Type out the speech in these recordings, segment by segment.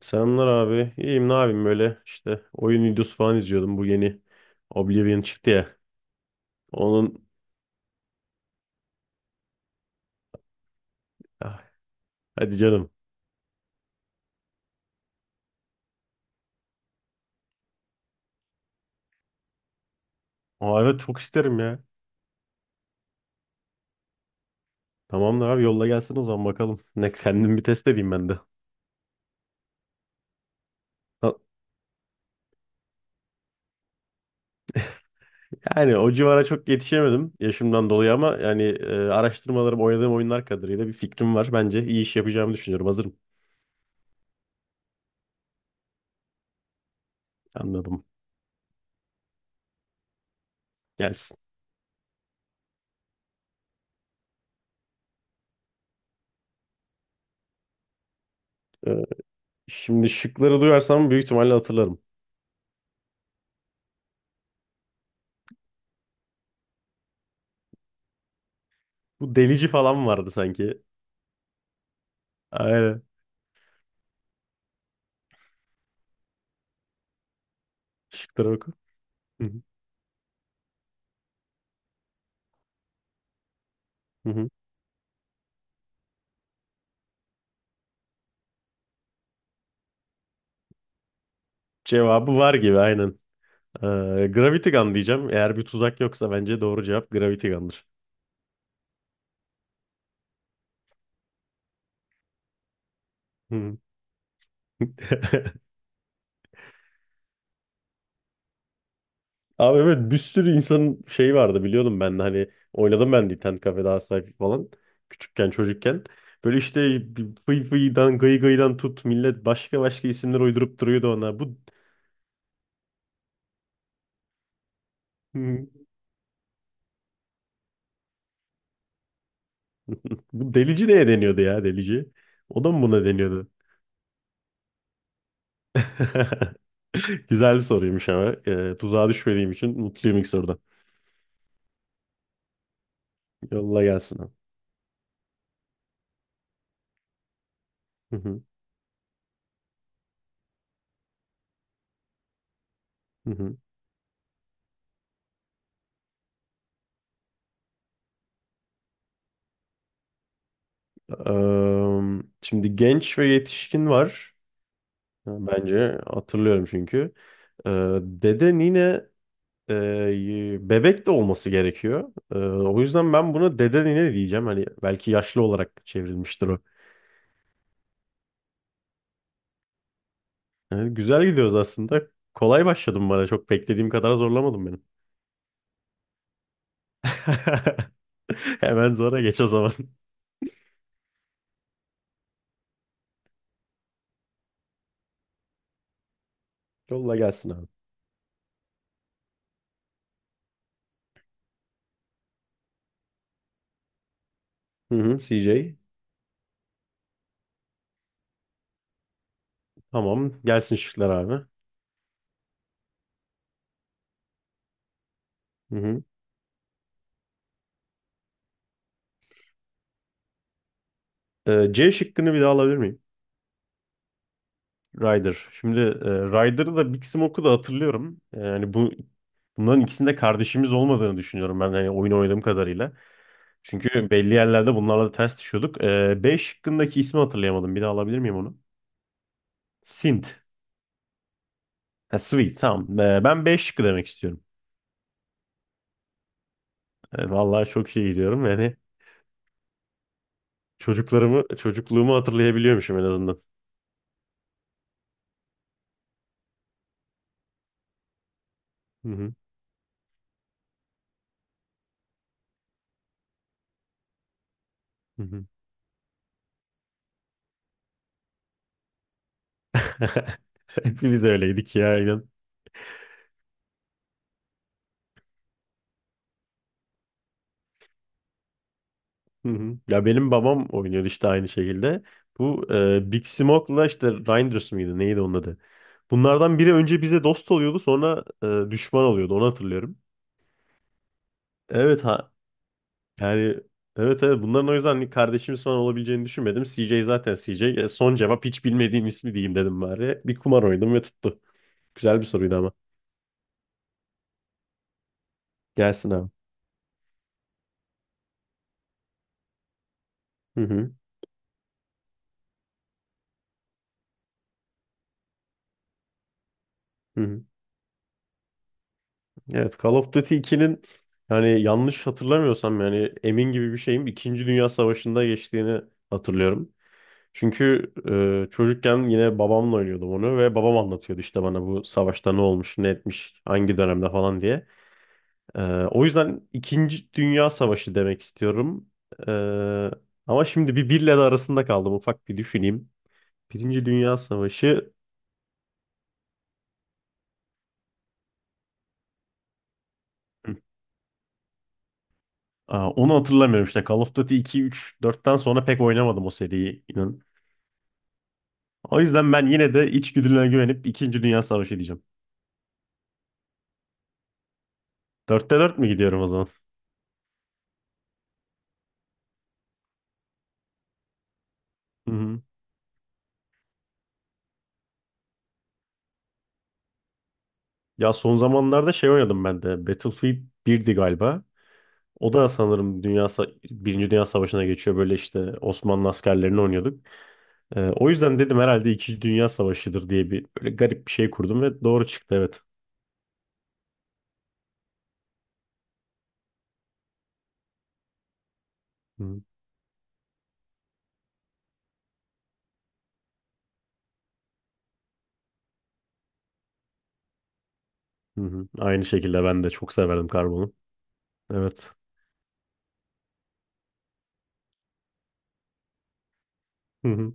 Selamlar abi. İyiyim ne yapayım böyle işte oyun videosu falan izliyordum. Bu yeni Oblivion çıktı ya. Onun Ah, hadi canım. Evet çok isterim ya. Tamamdır abi yolla gelsin o zaman bakalım. Ne kendim bir test edeyim ben de. Ha, Yani o civara çok yetişemedim yaşımdan dolayı ama yani araştırmalarım oynadığım oyunlar kadarıyla bir fikrim var. Bence iyi iş yapacağımı düşünüyorum. Hazırım. Anladım. Gelsin. Ee, Şimdi şıkları duyarsam büyük ihtimalle hatırlarım. Bu delici falan vardı sanki. Aynen. Şıklara oku. Hı hı. Hı hı. Cevabı var gibi aynen. Gravity Gun diyeceğim. Eğer bir tuzak yoksa bence doğru cevap Gravity Gun'dır. Hmm. Abi evet bir sürü insanın şeyi vardı biliyordum ben de hani oynadım ben de internet kafede Half-Life falan küçükken çocukken. Böyle işte bir fıy fıydan gıy gıydan tut millet başka başka isimler uydurup duruyordu ona. Hmm, bu delici neye deniyordu ya delici? O da mı buna deniyordu? Güzel bir soruymuş ama. Tuzağa düşmediğim için mutluyum ilk sorudan. Yolla gelsin abi. Hı hı. Şimdi genç ve yetişkin var. Bence hatırlıyorum çünkü. Deden yine bebek de olması gerekiyor. O yüzden ben buna dede nine diyeceğim. Hani belki yaşlı olarak çevrilmiştir o. Yani güzel gidiyoruz aslında. Kolay başladım bana. Çok beklediğim kadar zorlamadım benim. Hemen zora geç o zaman. Yolla gelsin abi. Hı hı, CJ. Tamam. Gelsin şıklar abi. Hı hı. C şıkkını bir daha alabilir miyim? Ryder. Şimdi Ryder'ı da Big Smoke'u da hatırlıyorum. Yani bunların ikisinde kardeşimiz olmadığını düşünüyorum ben yani oyun oynadığım kadarıyla. Çünkü belli yerlerde bunlarla da ters düşüyorduk. B şıkkındaki ismi hatırlayamadım. Bir daha alabilir miyim onu? Sint. Ha, Sweet tamam. Ben B şıkkı demek istiyorum. Vallahi çok iyi gidiyorum. Yani çocukluğumu hatırlayabiliyormuşum en azından. Hı hı, hı hı. Hepimiz öyleydik ya. Hı hı. Ya benim babam oynuyor işte aynı şekilde. Bu Big Smoke'la işte Reinders mıydı neydi onun adı? Bunlardan biri önce bize dost oluyordu sonra düşman oluyordu onu hatırlıyorum. Evet ha yani evet bunların o yüzden hani kardeşimiz falan olabileceğini düşünmedim. CJ zaten CJ. Son cevap hiç bilmediğim ismi diyeyim dedim bari. Bir kumar oynadım ve tuttu. Güzel bir soruydu ama. Gelsin abi. Hı hı. Hı hı. Evet Call of Duty 2'nin yani yanlış hatırlamıyorsam yani emin gibi bir şeyim İkinci Dünya Savaşı'nda geçtiğini hatırlıyorum. Çünkü çocukken yine babamla oynuyordum onu ve babam anlatıyordu işte bana bu savaşta ne olmuş, ne etmiş, hangi dönemde falan diye. E, O yüzden İkinci Dünya Savaşı demek istiyorum. E, Ama şimdi bir birle de arasında kaldım ufak bir düşüneyim. Birinci Dünya Savaşı Hı. Onu hatırlamıyorum işte Call of Duty 2, 3, 4'ten sonra pek oynamadım o seriyi. İnan. O yüzden ben yine de içgüdülerine güvenip İkinci Dünya Savaşı diyeceğim. Dörtte dört mü gidiyorum o zaman? Hı hı. Ya son zamanlarda şey oynadım ben de. Battlefield birdi galiba. O da sanırım Birinci Dünya Savaşı'na geçiyor. Böyle işte Osmanlı askerlerini oynuyorduk. O yüzden dedim herhalde İkinci Dünya Savaşı'dır diye bir böyle garip bir şey kurdum ve doğru çıktı evet. Hı hı. Hı hı. Aynı şekilde ben de çok severdim karbonu. Evet. Hı hı.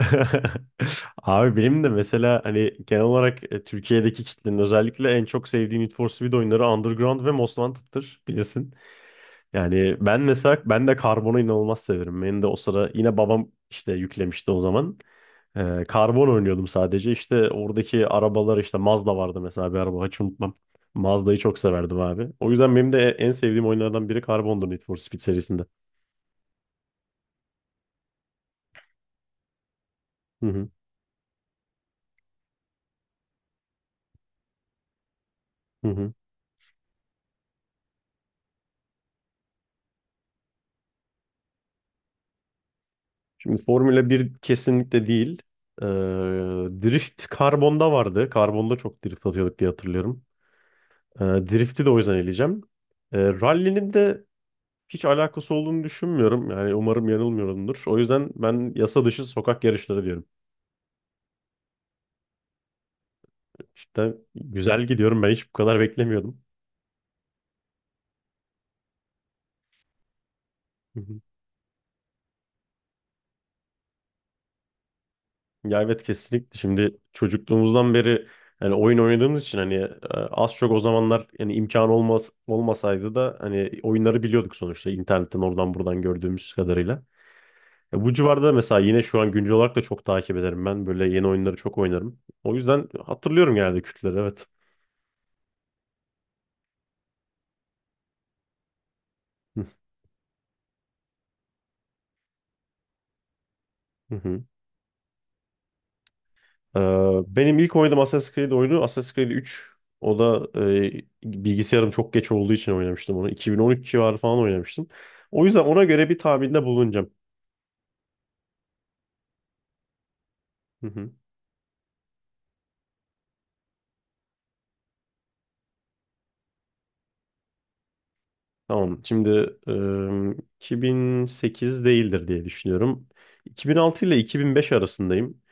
Abi benim de mesela hani genel olarak Türkiye'deki kitlenin özellikle en çok sevdiği Need for Speed oyunları Underground ve Most Wanted'tır bilirsin. Yani ben de Carbon'u inanılmaz severim. Benim de o sıra yine babam işte yüklemişti o zaman. Carbon oynuyordum sadece. İşte oradaki arabalar işte Mazda vardı mesela bir araba hiç unutmam. Mazda'yı çok severdim abi. O yüzden benim de en sevdiğim oyunlardan biri Carbon'dur Need for Speed serisinde. Hı hı. Hı hı. Şimdi Formula bir kesinlikle değil. Ee, Drift karbonda vardı. Karbonda çok drift atıyorduk diye hatırlıyorum. Drift'i de o yüzden eleyeceğim. Rally'nin de hiç alakası olduğunu düşünmüyorum. Yani umarım yanılmıyorumdur. O yüzden ben yasa dışı sokak yarışları diyorum. İşte güzel gidiyorum. Ben hiç bu kadar beklemiyordum. Ya evet kesinlikle şimdi çocukluğumuzdan beri hani oyun oynadığımız için hani az çok o zamanlar yani imkan olmaz olmasaydı da hani oyunları biliyorduk sonuçta internetten oradan buradan gördüğümüz kadarıyla. Bu civarda mesela yine şu an güncel olarak da çok takip ederim ben böyle yeni oyunları çok oynarım. O yüzden hatırlıyorum genelde kütleri evet. Hı hı. hı. Benim ilk oynadığım Assassin's Creed oyunu Assassin's Creed 3. O da bilgisayarım çok geç olduğu için oynamıştım onu. 2013 civarı falan oynamıştım. O yüzden ona göre bir tahminde bulunacağım. Hı hı. Tamam. Şimdi 2008 değildir diye düşünüyorum. 2006 ile 2005 arasındayım.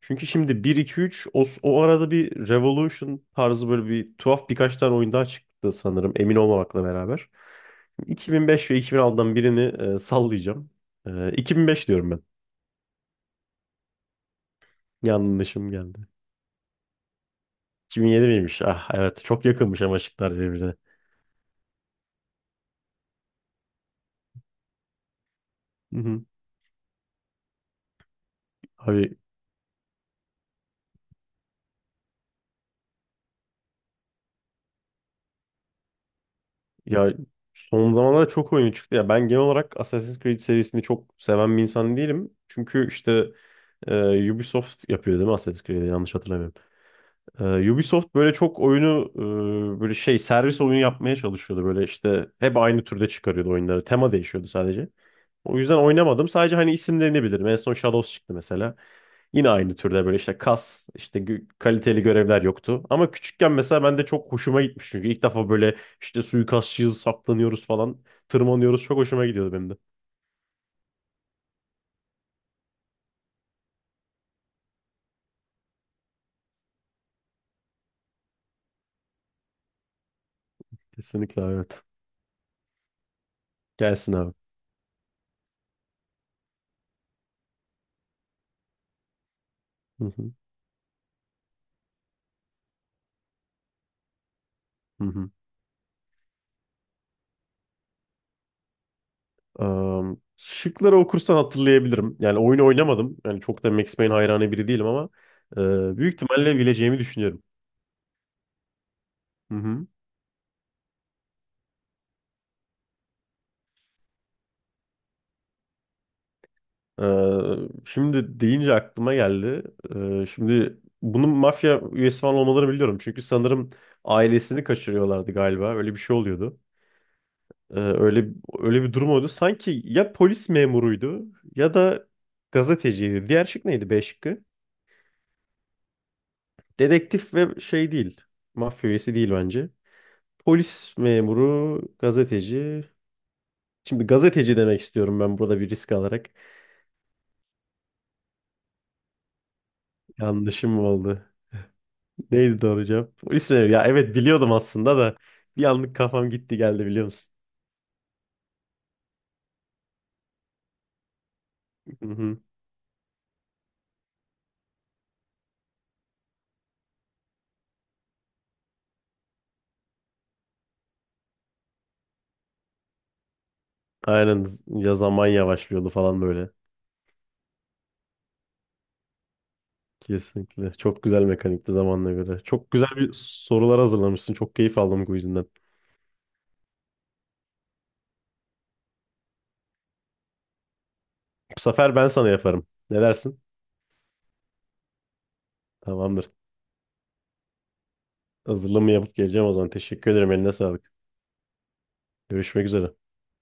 Çünkü şimdi 1 2 3 o arada bir Revolution tarzı böyle bir tuhaf birkaç tane oyun daha çıktı sanırım emin olmamakla beraber. 2005 ve 2006'dan birini sallayacağım. 2005 diyorum ben. Yanlışım geldi. 2007 miymiş? Ah evet çok yakınmış ama şıklar birbirine. Hı hı. Abi ya son zamanlarda çok oyunu çıktı. Ya ben genel olarak Assassin's Creed serisini çok seven bir insan değilim. Çünkü işte Ubisoft yapıyor değil mi Assassin's Creed'i yanlış hatırlamıyorum. Ubisoft böyle çok oyunu böyle şey servis oyunu yapmaya çalışıyordu. Böyle işte hep aynı türde çıkarıyordu oyunları. Tema değişiyordu sadece. O yüzden oynamadım. Sadece hani isimlerini bilirim. En son Shadows çıktı mesela. Yine aynı türde böyle işte kas, işte kaliteli görevler yoktu. Ama küçükken mesela ben de çok hoşuma gitmiş. Çünkü ilk defa böyle işte suikastçıyız, saklanıyoruz falan, tırmanıyoruz. Çok hoşuma gidiyordu benim de. Kesinlikle evet. Gelsin abi. Hı hı, hı hı. Am, şıkları okursan hatırlayabilirim. Yani oyunu oynamadım. Yani çok da Max Payne hayranı biri değilim ama büyük ihtimalle bileceğimi düşünüyorum. Hı hı. Ee, Şimdi deyince aklıma geldi. Şimdi bunun mafya üyesi falan olmalarını biliyorum. Çünkü sanırım ailesini kaçırıyorlardı galiba. Öyle bir şey oluyordu. Ee, öyle öyle bir durum oldu. Sanki ya polis memuruydu ya da gazeteciydi. Diğer şık neydi? B şıkkı. Dedektif ve şey değil. Mafya üyesi değil bence. Polis memuru, gazeteci. Şimdi gazeteci demek istiyorum ben burada bir risk alarak. Yanlışım oldu. Neydi doğru cevap? İsveç. Ya evet biliyordum aslında da bir anlık kafam gitti geldi biliyor musun? Hı hı. Aynen ya zaman yavaşlıyordu falan böyle. Kesinlikle. Çok güzel mekanikti zamanla göre. Çok güzel bir sorular hazırlamışsın. Çok keyif aldım bu yüzünden. Bu sefer ben sana yaparım. Ne dersin? Tamamdır. Hazırlığımı yapıp geleceğim o zaman. Teşekkür ederim. Eline sağlık. Görüşmek üzere.